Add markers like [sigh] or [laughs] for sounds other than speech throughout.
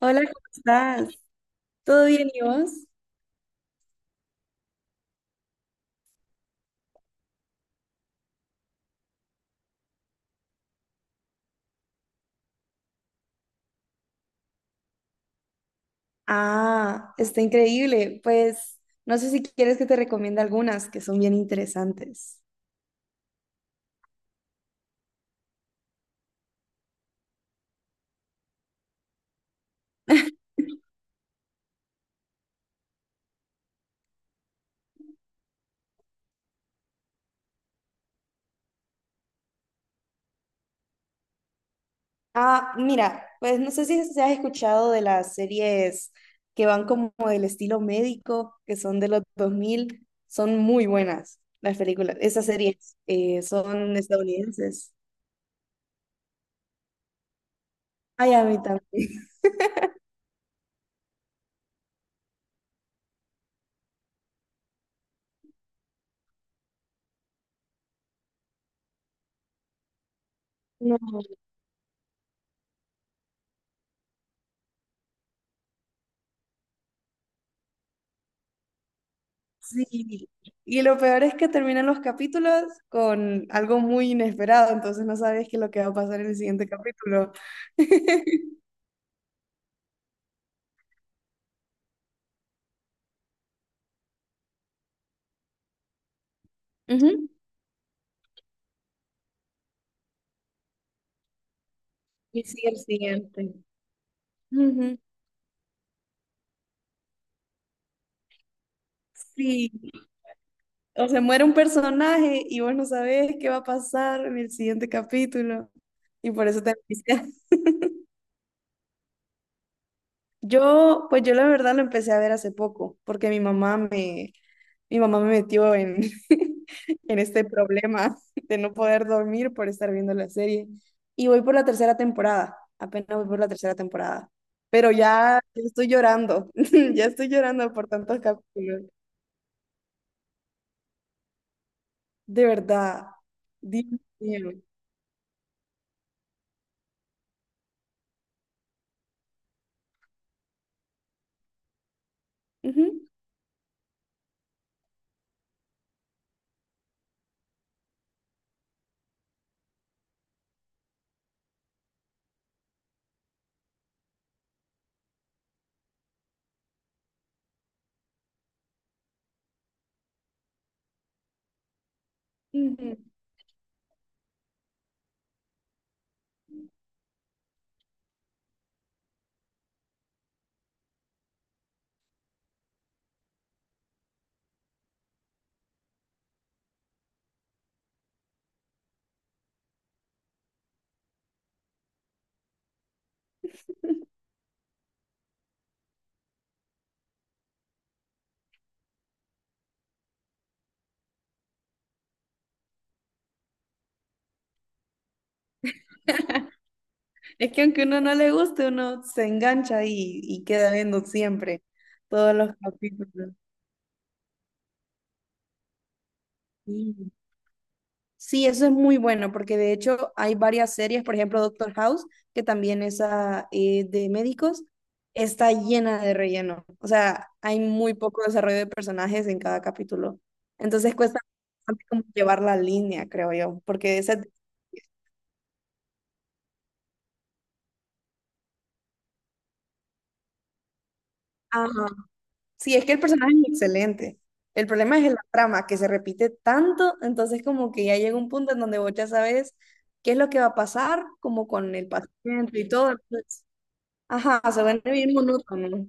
Hola, ¿cómo estás? ¿Todo bien y vos? Ah, está increíble. Pues no sé si quieres que te recomiende algunas que son bien interesantes. Ah, mira, pues no sé si has escuchado de las series que van como del estilo médico, que son de los 2000, son muy buenas las películas. Esas series son estadounidenses. Ay, a mí también. [laughs] Sí, y lo peor es que terminan los capítulos con algo muy inesperado, entonces no sabes qué es lo que va a pasar en el siguiente capítulo. [laughs] Ujú. Y sigue el siguiente. Ujú. Sí, o se muere un personaje y vos no sabés qué va a pasar en el siguiente capítulo, y por eso te [laughs] envicias. Yo, pues yo la verdad lo empecé a ver hace poco, porque mi mamá me metió en, [laughs] en este problema de no poder dormir por estar viendo la serie. Y voy por la tercera temporada, apenas voy por la tercera temporada. Pero ya, ya estoy llorando, [laughs] ya estoy llorando por tantos capítulos. De verdad, Dios mío. Ujú, ujú. [laughs] Es que aunque uno no le guste, uno se engancha y queda viendo siempre todos los capítulos. Sí. Sí, eso es muy bueno, porque de hecho hay varias series, por ejemplo Doctor House, que también es de médicos, está llena de relleno. O sea, hay muy poco desarrollo de personajes en cada capítulo. Entonces cuesta bastante como llevar la línea, creo yo, porque esa... Ajá. Sí, es que el personaje es excelente. El problema es la trama, que se repite tanto, entonces como que ya llega un punto en donde vos ya sabes qué es lo que va a pasar, como con el paciente y todo. Ajá, se vuelve bien monótono.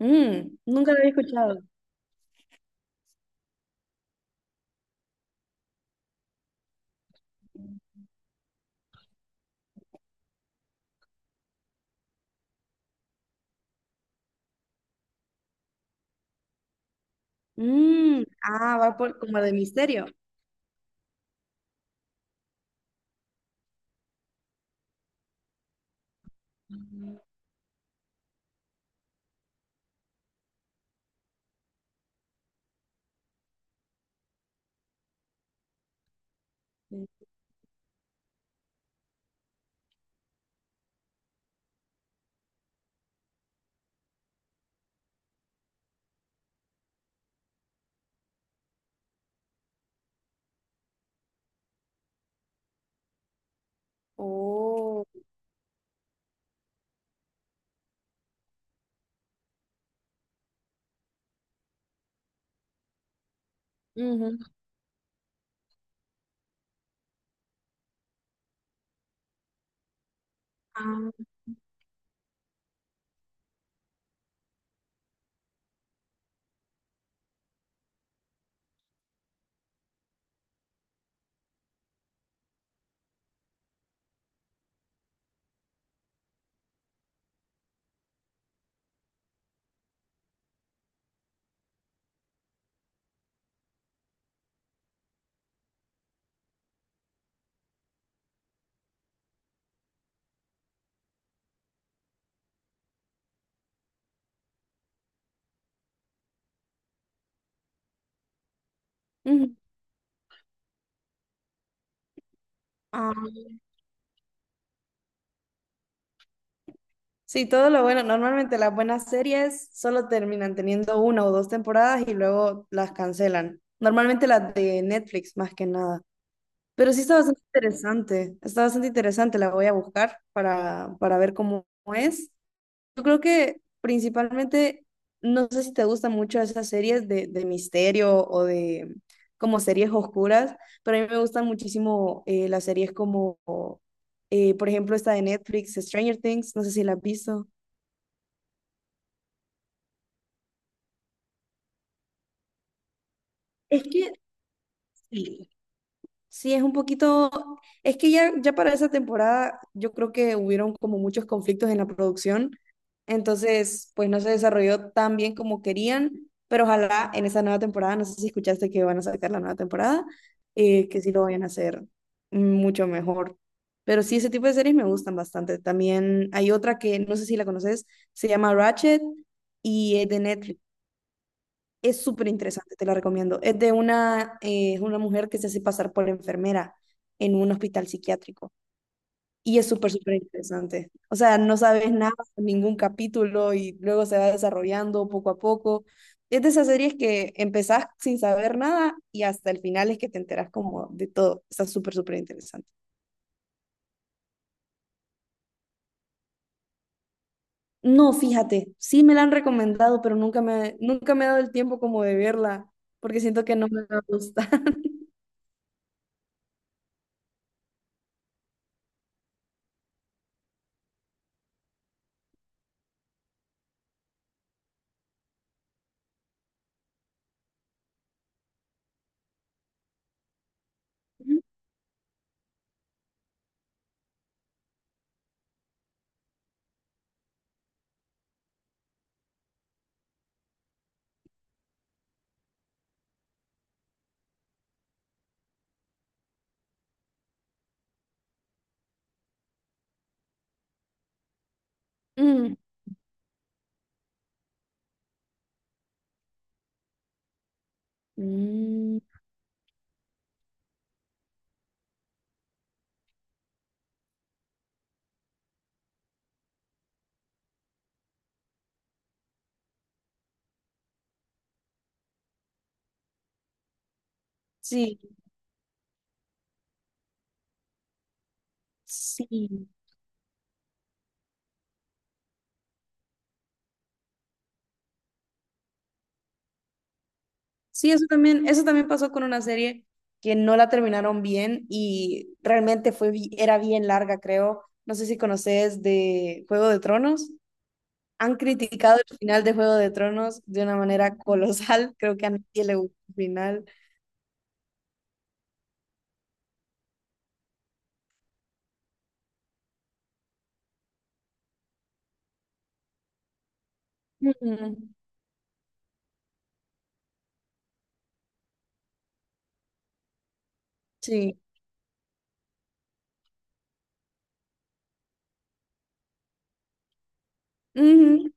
Mm, nunca lo había escuchado. Mm, ah, va por como de misterio. Mm. Oh. Ujú. Ah, ujú, ah. Sí, todo lo bueno. Normalmente las buenas series solo terminan teniendo una o dos temporadas y luego las cancelan. Normalmente las de Netflix, más que nada. Pero sí está bastante interesante. Está bastante interesante. La voy a buscar para ver cómo es. Yo creo que principalmente, no sé si te gustan mucho esas series de misterio o de como series oscuras, pero a mí me gustan muchísimo las series como, por ejemplo, esta de Netflix, Stranger Things, no sé si la has visto. Es que sí, sí, es un poquito, es que ya, ya para esa temporada yo creo que hubieron como muchos conflictos en la producción, entonces pues no se desarrolló tan bien como querían, pero ojalá en esa nueva temporada, no sé si escuchaste que van a sacar la nueva temporada, que sí lo vayan a hacer mucho mejor. Pero sí, ese tipo de series me gustan bastante. También hay otra que no sé si la conoces, se llama Ratchet y es de Netflix. Es súper interesante, te la recomiendo. Es de una, es una mujer que se hace pasar por enfermera en un hospital psiquiátrico. Y es súper, súper interesante. O sea, no sabes nada, ningún capítulo y luego se va desarrollando poco a poco. Es de esas series que empezás sin saber nada y hasta el final es que te enteras como de todo. Está súper, súper interesante. No, fíjate, sí me la han recomendado, pero nunca me he dado el tiempo como de verla porque siento que no me va a gustar. [laughs] Mm. Mm. Sí, sí, sí, eso también pasó con una serie que no la terminaron bien y realmente fue, bi- era bien larga, creo. No sé si conoces de Juego de Tronos. Han criticado el final de Juego de Tronos de una manera colosal. [laughs] Creo que a nadie le gustó el final. Ujú. Sí. Ujú.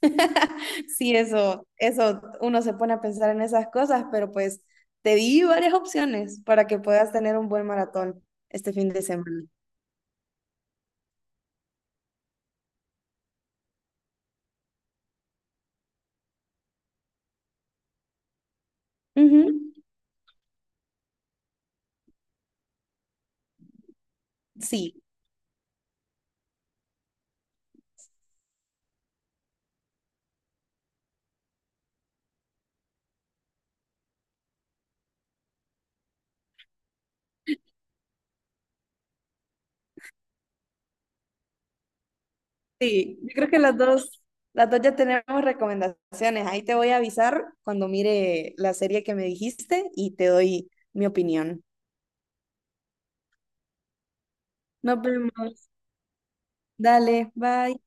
[laughs] Sí, eso, uno se pone a pensar en esas cosas, pero pues te di varias opciones para que puedas tener un buen maratón este fin de semana. Ujú. Sí, sí, yo creo que las dos ya tenemos recomendaciones. Ahí te voy a avisar cuando mire la serie que me dijiste y te doy mi opinión. Nos vemos. Dale, bye.